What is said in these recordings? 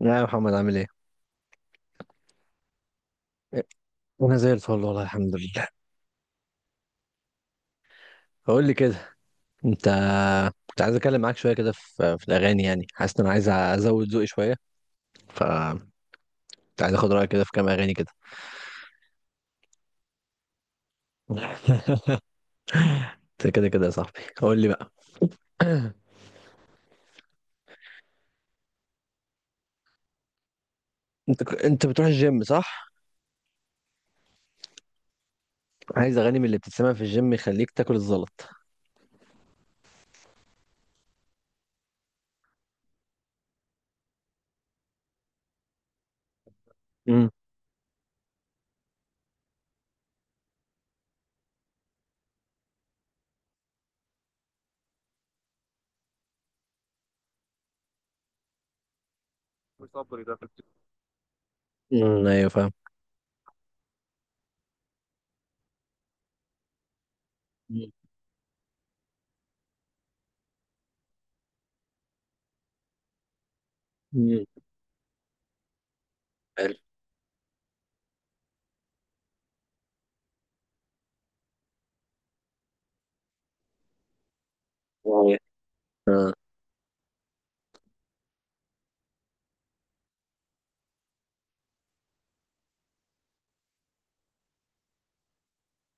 يا محمد، عامل ايه؟ انا زي الفل والله، الحمد لله. بقول لي كده. انت كنت عايز اتكلم معاك شويه كده في الاغاني، يعني حاسس ان انا عايز ازود ذوقي شويه. ف كنت عايز اخد رايك كده في كام اغاني كده. انت كده كده يا صاحبي، قول لي بقى. انت بتروح الجيم، صح؟ عايز اغاني من اللي بتتسمع في الجيم، يخليك تاكل الزلط. امم. امم، ايوه فاهم. مم. مم. حلو. يعني.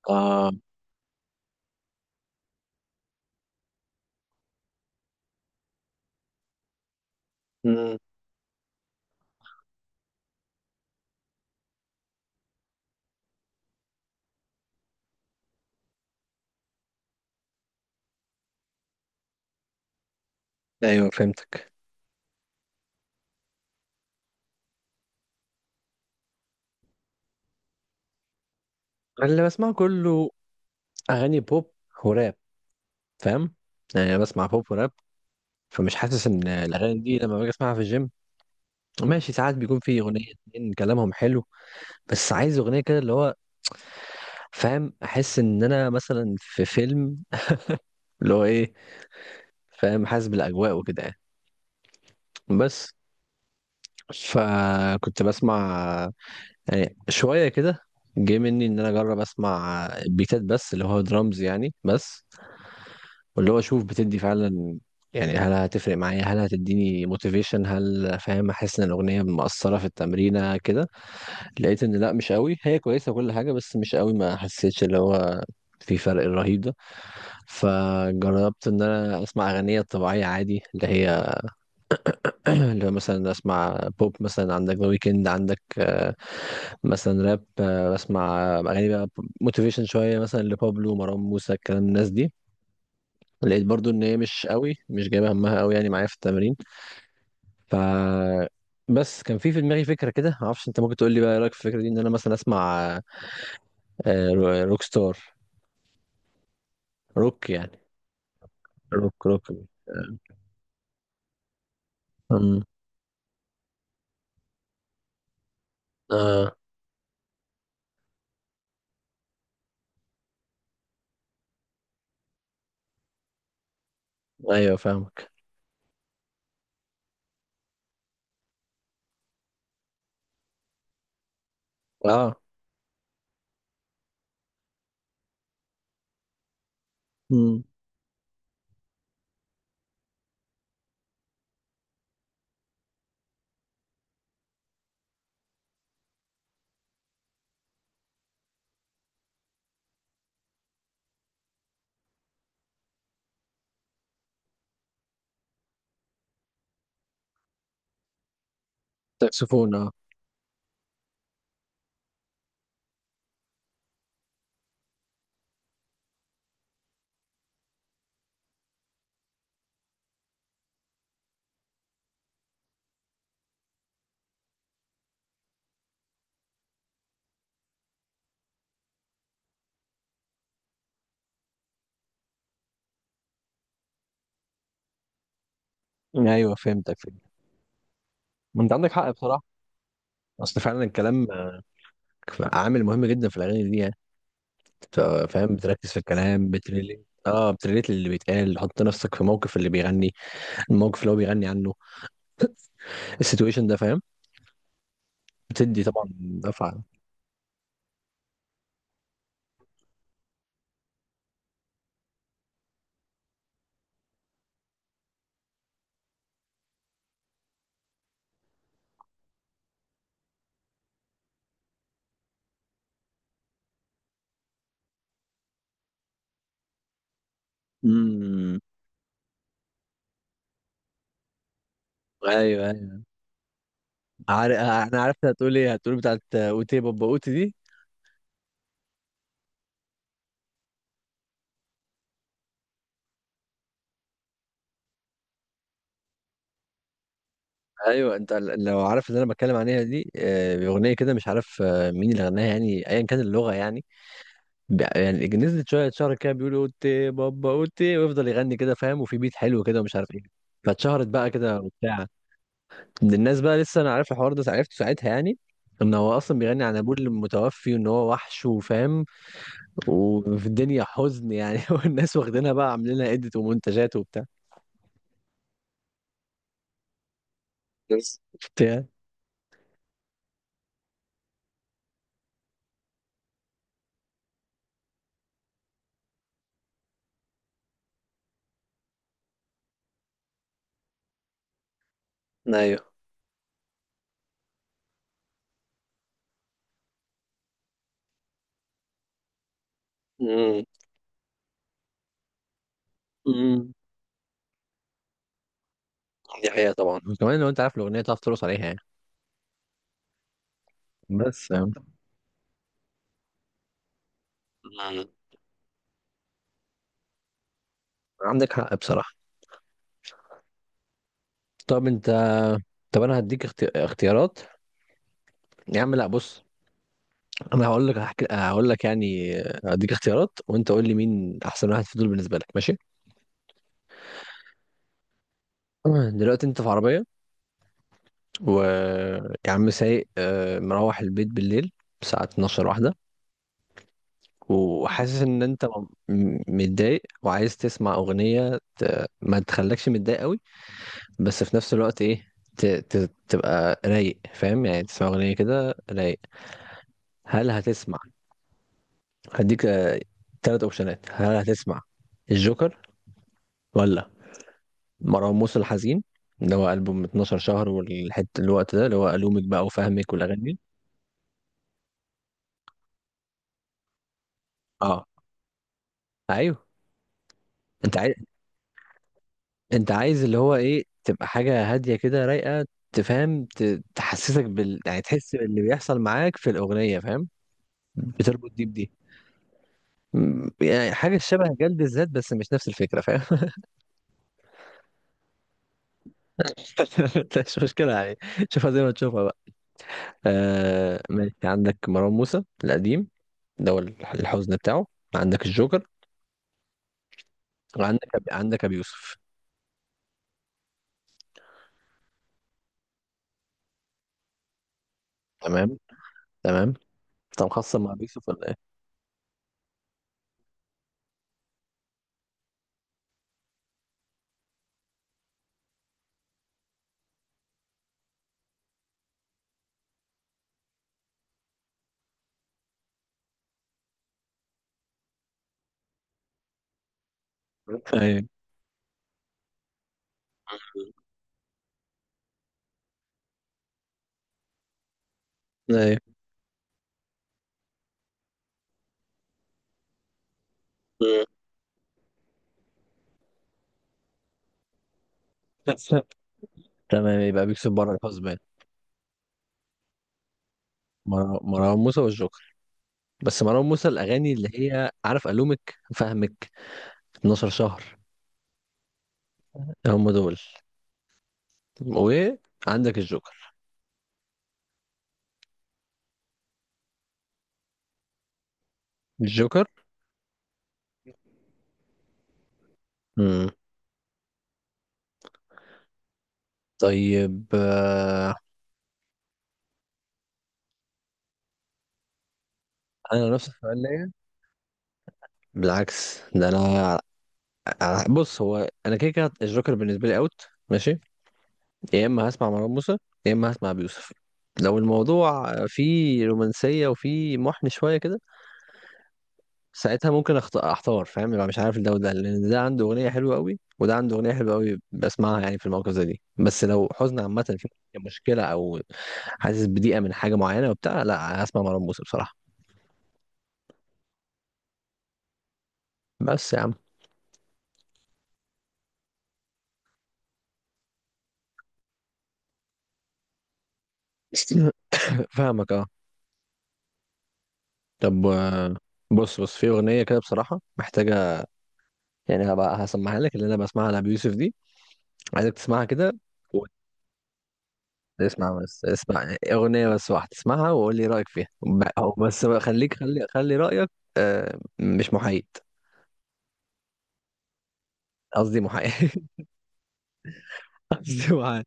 اه. امم. ايوه فهمتك. أنا اللي بسمعه كله اغاني بوب وراب، فاهم؟ يعني أنا بسمع بوب وراب، فمش حاسس ان الاغاني دي لما باجي اسمعها في الجيم ماشي. ساعات بيكون في اغنيه اتنين كلامهم حلو، بس عايز اغنيه كده اللي هو، فاهم؟ احس ان انا مثلا في فيلم، اللي هو ايه، فاهم؟ حاسس بالاجواء وكده يعني. بس فكنت بسمع يعني شويه كده، جه مني ان انا اجرب اسمع بيتات بس، اللي هو درامز يعني بس، واللي هو اشوف بتدي فعلا يعني، هل هتفرق معايا؟ هل هتديني موتيفيشن؟ هل، فاهم، احس ان الاغنيه مأثره في التمرينه كده؟ لقيت ان لا، مش قوي، هي كويسه كل حاجه، بس مش قوي، ما حسيتش اللي هو في فرق الرهيب ده. فجربت ان انا اسمع اغنيه طبيعيه عادي اللي هي اللي هو مثلا اسمع بوب، مثلا عندك ذا ويكند، عندك، مثلا راب، بسمع اغاني بقى موتيفيشن شويه، مثلا لبابلو، مروان موسى، الكلام الناس دي. لقيت برضو ان هي مش قوي، مش جايبه همها قوي يعني معايا في التمرين. ف بس كان في دماغي فكره كده، معرفش، انت ممكن تقول لي بقى ايه رايك في الفكره دي ان انا مثلا اسمع روك ستار، روك يعني، روك روك. امم. اه. ايوه فاهمك. اه. امم. ساكسفون، اه. ايوه فهمتك، فهمت. ما انت عندك حق بصراحه، اصل فعلا الكلام عامل مهم جدا في الاغاني دي يعني. فاهم، بتركز في الكلام، بتريليت اللي بيتقال، حط نفسك في موقف اللي بيغني، الموقف اللي هو بيغني عنه، السيتويشن ده، فاهم؟ بتدي طبعا دفعه. امم. ايوه، ايوه عارف. انا عارف انت هتقول ايه، هتقول بتاعت اوتي بابا اوتي دي. ايوه، انت لو عارف اللي انا بتكلم عليها دي، اغنيه كده مش عارف مين اللي غناها، يعني ايا كان اللغه يعني. يعني نزلت شويه شهر كده بيقولوا اوتي بابا اوتي، ويفضل يغني كده، فاهم؟ وفي بيت حلو كده، ومش عارف ايه. فاتشهرت بقى كده وبتاع من الناس بقى. لسه انا عارف الحوار ده عرفته ساعتها يعني، ان هو اصلا بيغني عن ابوه المتوفي، وان هو وحش وفاهم، وفي الدنيا حزن يعني. والناس واخدينها بقى، عاملين لها إديت ومنتجات وبتاع، بتاع. ايوه. امم. أمم. دي حقيقة طبعا، وكمان لو انت عارف الاغنيه تعرف ترقص عليها يعني. بس يعني. أمم. عندك حق بصراحه. طب انت، طب انا هديك اختيارات. يا عم لا، بص، انا هقول لك، هحكي، هقول لك يعني، هديك اختيارات وانت قول لي مين احسن واحد في دول بالنسبه لك، ماشي؟ دلوقتي انت في عربيه، و يا عم سايق، مروح البيت بالليل الساعه 12 واحده، وحاسس ان انت متضايق، وعايز تسمع اغنيه ما تخلكش متضايق قوي، بس في نفس الوقت ايه، تبقى رايق، فاهم يعني؟ تسمع اغنيه كده رايق. هل هتسمع؟ هديك ثلاث اوبشنات، هل هتسمع الجوكر، ولا مروان موسى الحزين اللي هو ألبوم 12 شهر والحته الوقت ده اللي هو ألومك بقى وفهمك والاغاني دي؟ اه، ايوه. انت انت عايز اللي هو ايه، تبقى حاجة هادية كده رايقة، تفهم، تحسسك بال، يعني تحس باللي بيحصل معاك في الأغنية، فاهم؟ بتربط دي بدي. يعني حاجة شبه جلد الذات، بس مش نفس الفكرة، فاهم؟ مش مشكلة يعني، شوفها زي ما تشوفها بقى. آه ماشي، عندك مروان موسى القديم، ده هو الحزن بتاعه، عندك الجوكر، وعندك أبي يوسف. تمام، تمام. انت مخصم مع أبي يوسف ولا ايه؟ ايوه، ايوه. تمام، يبقى بيكسب بره الحزب. مروان موسى والجوكر. بس مروان موسى الأغاني اللي هي، عارف، ألومك فهمك 12 شهر، هم دول. وعندك الجوكر، الجوكر. مم. طيب، أنا نفس السؤال ليا. بالعكس ده أنا، بص، هو أنا كده كده الجوكر بالنسبة لي أوت، ماشي. يا إما هسمع مروان موسى، يا إما هسمع أبي يوسف. لو الموضوع فيه رومانسية وفيه محن شوية كده، ساعتها ممكن احتار، فاهم؟ يبقى مش عارف ده وده، لان ده عنده اغنيه حلوه قوي وده عنده اغنيه حلوه قوي بسمعها يعني في المواقف زي دي. بس لو حزن عامه في مشكله، او حاسس بضيقه من حاجه معينه وبتاع، لا هسمع مروان موسى بصراحه. بس يا عم. فاهمك، اه. طب، بص، بص، في اغنيه كده بصراحه محتاجه، يعني هبقى هسمعها لك، اللي انا بسمعها لابي يوسف دي، عايزك تسمعها كده. اسمع بس، اسمع اغنيه بس واحده، اسمعها وقول لي رايك فيها، أو بس بقى خليك، خلي خلي رايك. آه، مش محايد. قصدي محايد. قصدي محايد.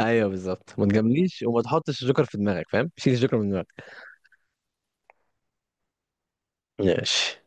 ايوه بالظبط، ما تجامليش وما تحطش الجوكر في دماغك، فاهم؟ شيل الجوكر من دماغك. ماشي